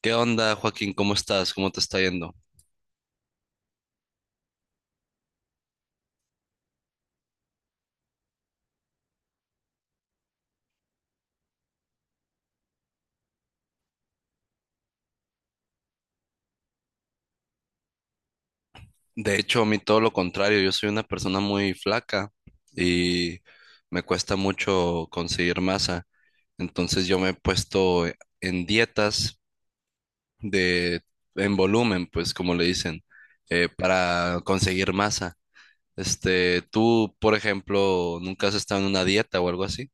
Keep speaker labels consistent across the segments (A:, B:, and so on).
A: ¿Qué onda, Joaquín? ¿Cómo estás? ¿Cómo te está yendo? De hecho, a mí todo lo contrario, yo soy una persona muy flaca y me cuesta mucho conseguir masa. Entonces yo me he puesto en dietas de en volumen, pues como le dicen, para conseguir masa. Tú, por ejemplo, ¿nunca has estado en una dieta o algo así?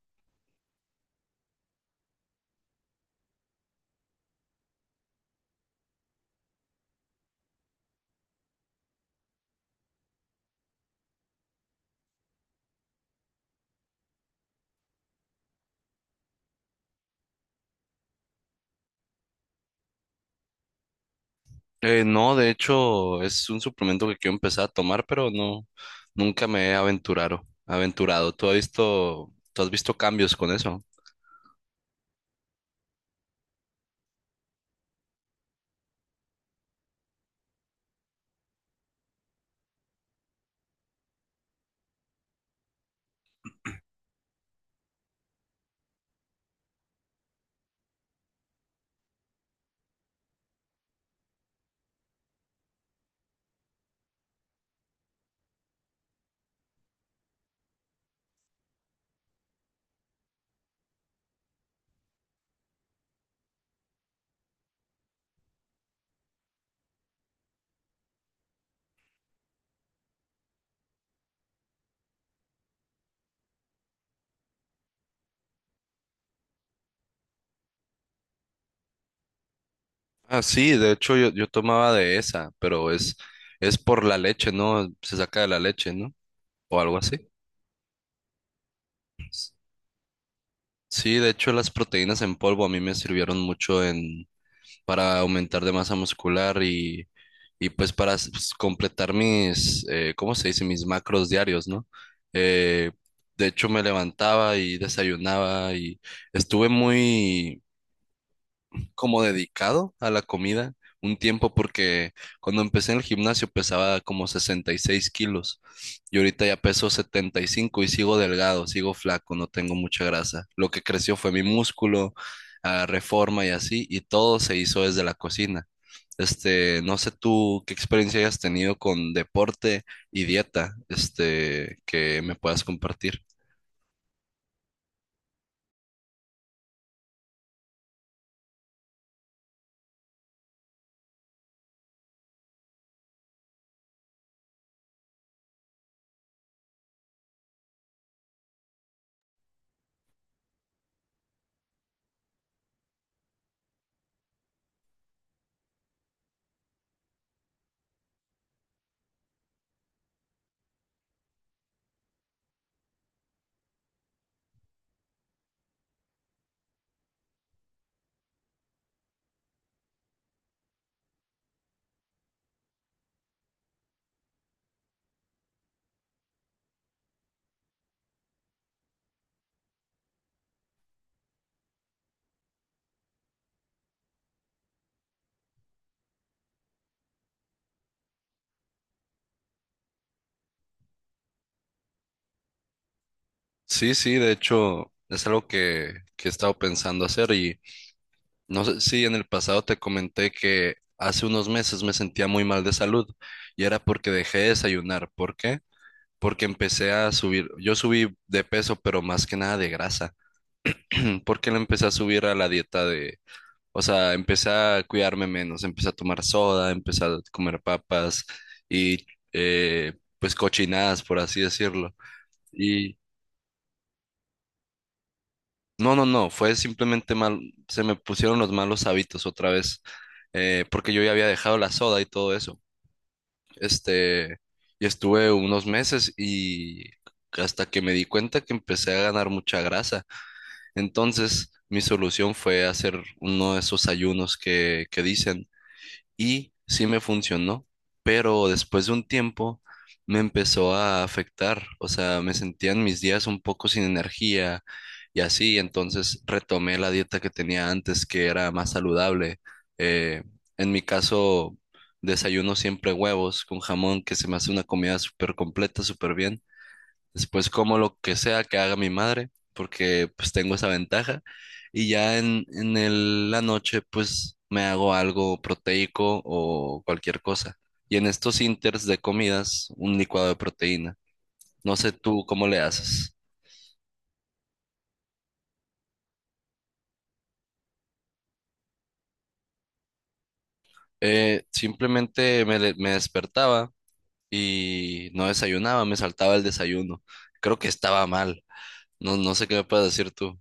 A: No, de hecho, es un suplemento que quiero empezar a tomar, pero no, nunca me he aventurado. Tú has visto cambios con eso? Ah, sí, de hecho yo tomaba de esa, pero es por la leche, ¿no? Se saca de la leche, ¿no? O algo así. Sí, de hecho las proteínas en polvo a mí me sirvieron mucho en, para aumentar de masa muscular y pues para completar mis, ¿cómo se dice? Mis macros diarios, ¿no? Eh, de hecho, me levantaba y desayunaba y estuve muy como dedicado a la comida un tiempo porque cuando empecé en el gimnasio pesaba como 66 kilos y ahorita ya peso 75 y cinco y sigo delgado, sigo flaco, no tengo mucha grasa. Lo que creció fue mi músculo, ah, reforma y así, y todo se hizo desde la cocina. No sé tú qué experiencia hayas tenido con deporte y dieta, que me puedas compartir. Sí, sí, de hecho es algo que he estado pensando hacer. Y no sé si en el pasado te comenté que hace unos meses me sentía muy mal de salud y era porque dejé de desayunar. ¿Por qué? Porque empecé a subir, yo subí de peso, pero más que nada de grasa. Mm, porque le empecé a subir a la dieta de, o sea, empecé a cuidarme menos, empecé a tomar soda, empecé a comer papas y eh, pues cochinadas, por así decirlo. Y no, fue simplemente mal, se me pusieron los malos hábitos otra vez, porque yo ya había dejado la soda y todo eso. Este, y estuve unos meses y hasta que me di cuenta que empecé a ganar mucha grasa. Entonces, mi solución fue hacer uno de esos ayunos que dicen, y sí me funcionó, pero después de un tiempo me empezó a afectar, o sea, me sentían mis días un poco sin energía y así, entonces retomé la dieta que tenía antes, que era más saludable. Eh, en mi caso, desayuno siempre huevos con jamón, que se me hace una comida súper completa, súper bien. Después como lo que sea que haga mi madre, porque pues tengo esa ventaja. Y ya en, la noche pues me hago algo proteico o cualquier cosa. Y en estos inters de comidas, un licuado de proteína. No sé tú cómo le haces. Simplemente me despertaba y no desayunaba, me saltaba el desayuno. Creo que estaba mal. No, no sé qué me puedes decir tú.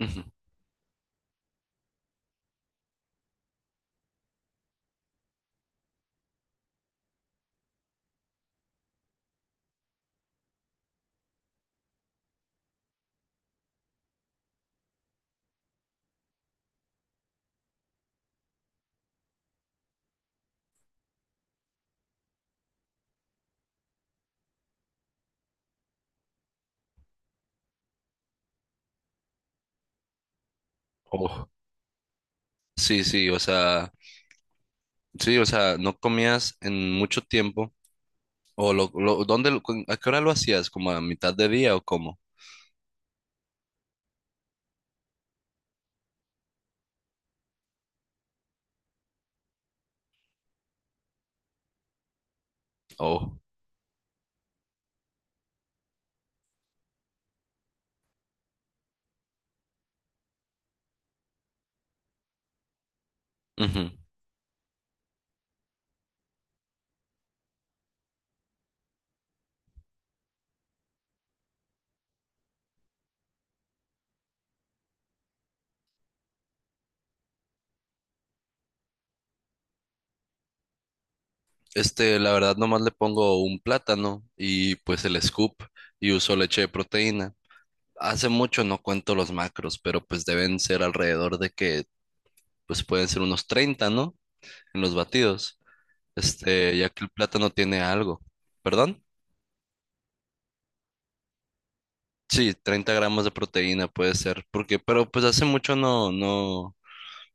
A: Ujú. Oh. Sí, sí, o sea, sí, o sea, no comías en mucho tiempo. A qué hora lo hacías? ¿Como a mitad de día o cómo? Oh. Ujú. La verdad, nomás le pongo un plátano y pues el scoop, y uso leche de proteína. Hace mucho no cuento los macros, pero pues deben ser alrededor de pues pueden ser unos 30, ¿no? En los batidos. Ya que el plátano tiene algo. ¿Perdón? Sí, 30 gramos de proteína puede ser, porque, pero pues hace mucho no.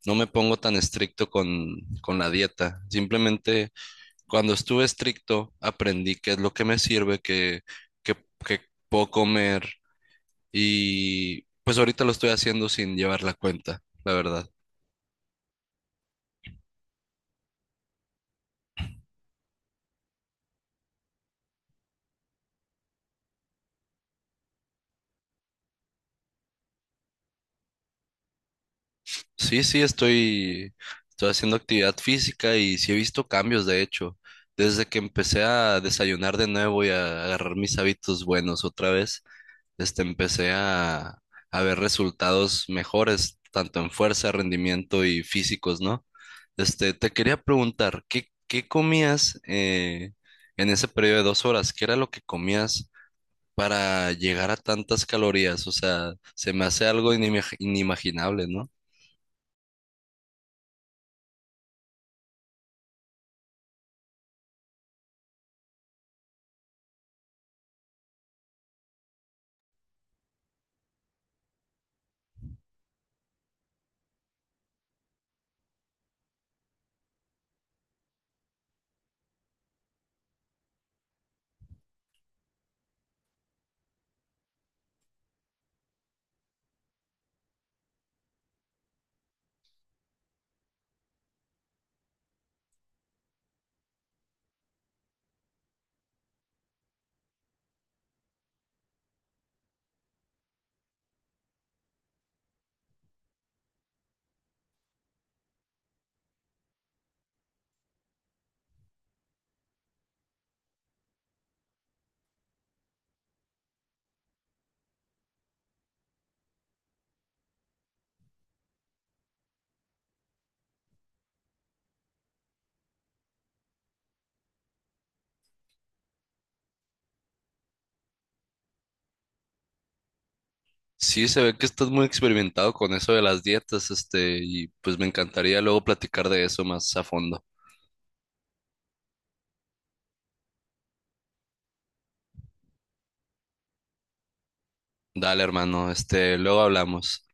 A: No me pongo tan estricto con la dieta. Simplemente cuando estuve estricto aprendí qué es lo que me sirve, qué, qué puedo comer, y pues ahorita lo estoy haciendo sin llevar la cuenta, la verdad. Sí, sí, estoy haciendo actividad física y sí he visto cambios, de hecho. Desde que empecé a desayunar de nuevo y a agarrar mis hábitos buenos otra vez, empecé a ver resultados mejores, tanto en fuerza, rendimiento y físicos, ¿no? Te quería preguntar, qué comías, en ese periodo de 2 horas? ¿Qué era lo que comías para llegar a tantas calorías? O sea, se me hace algo inimaginable, ¿no? Sí, se ve que estás muy experimentado con eso de las dietas, y pues me encantaría luego platicar de eso más a fondo. Dale, hermano, luego hablamos.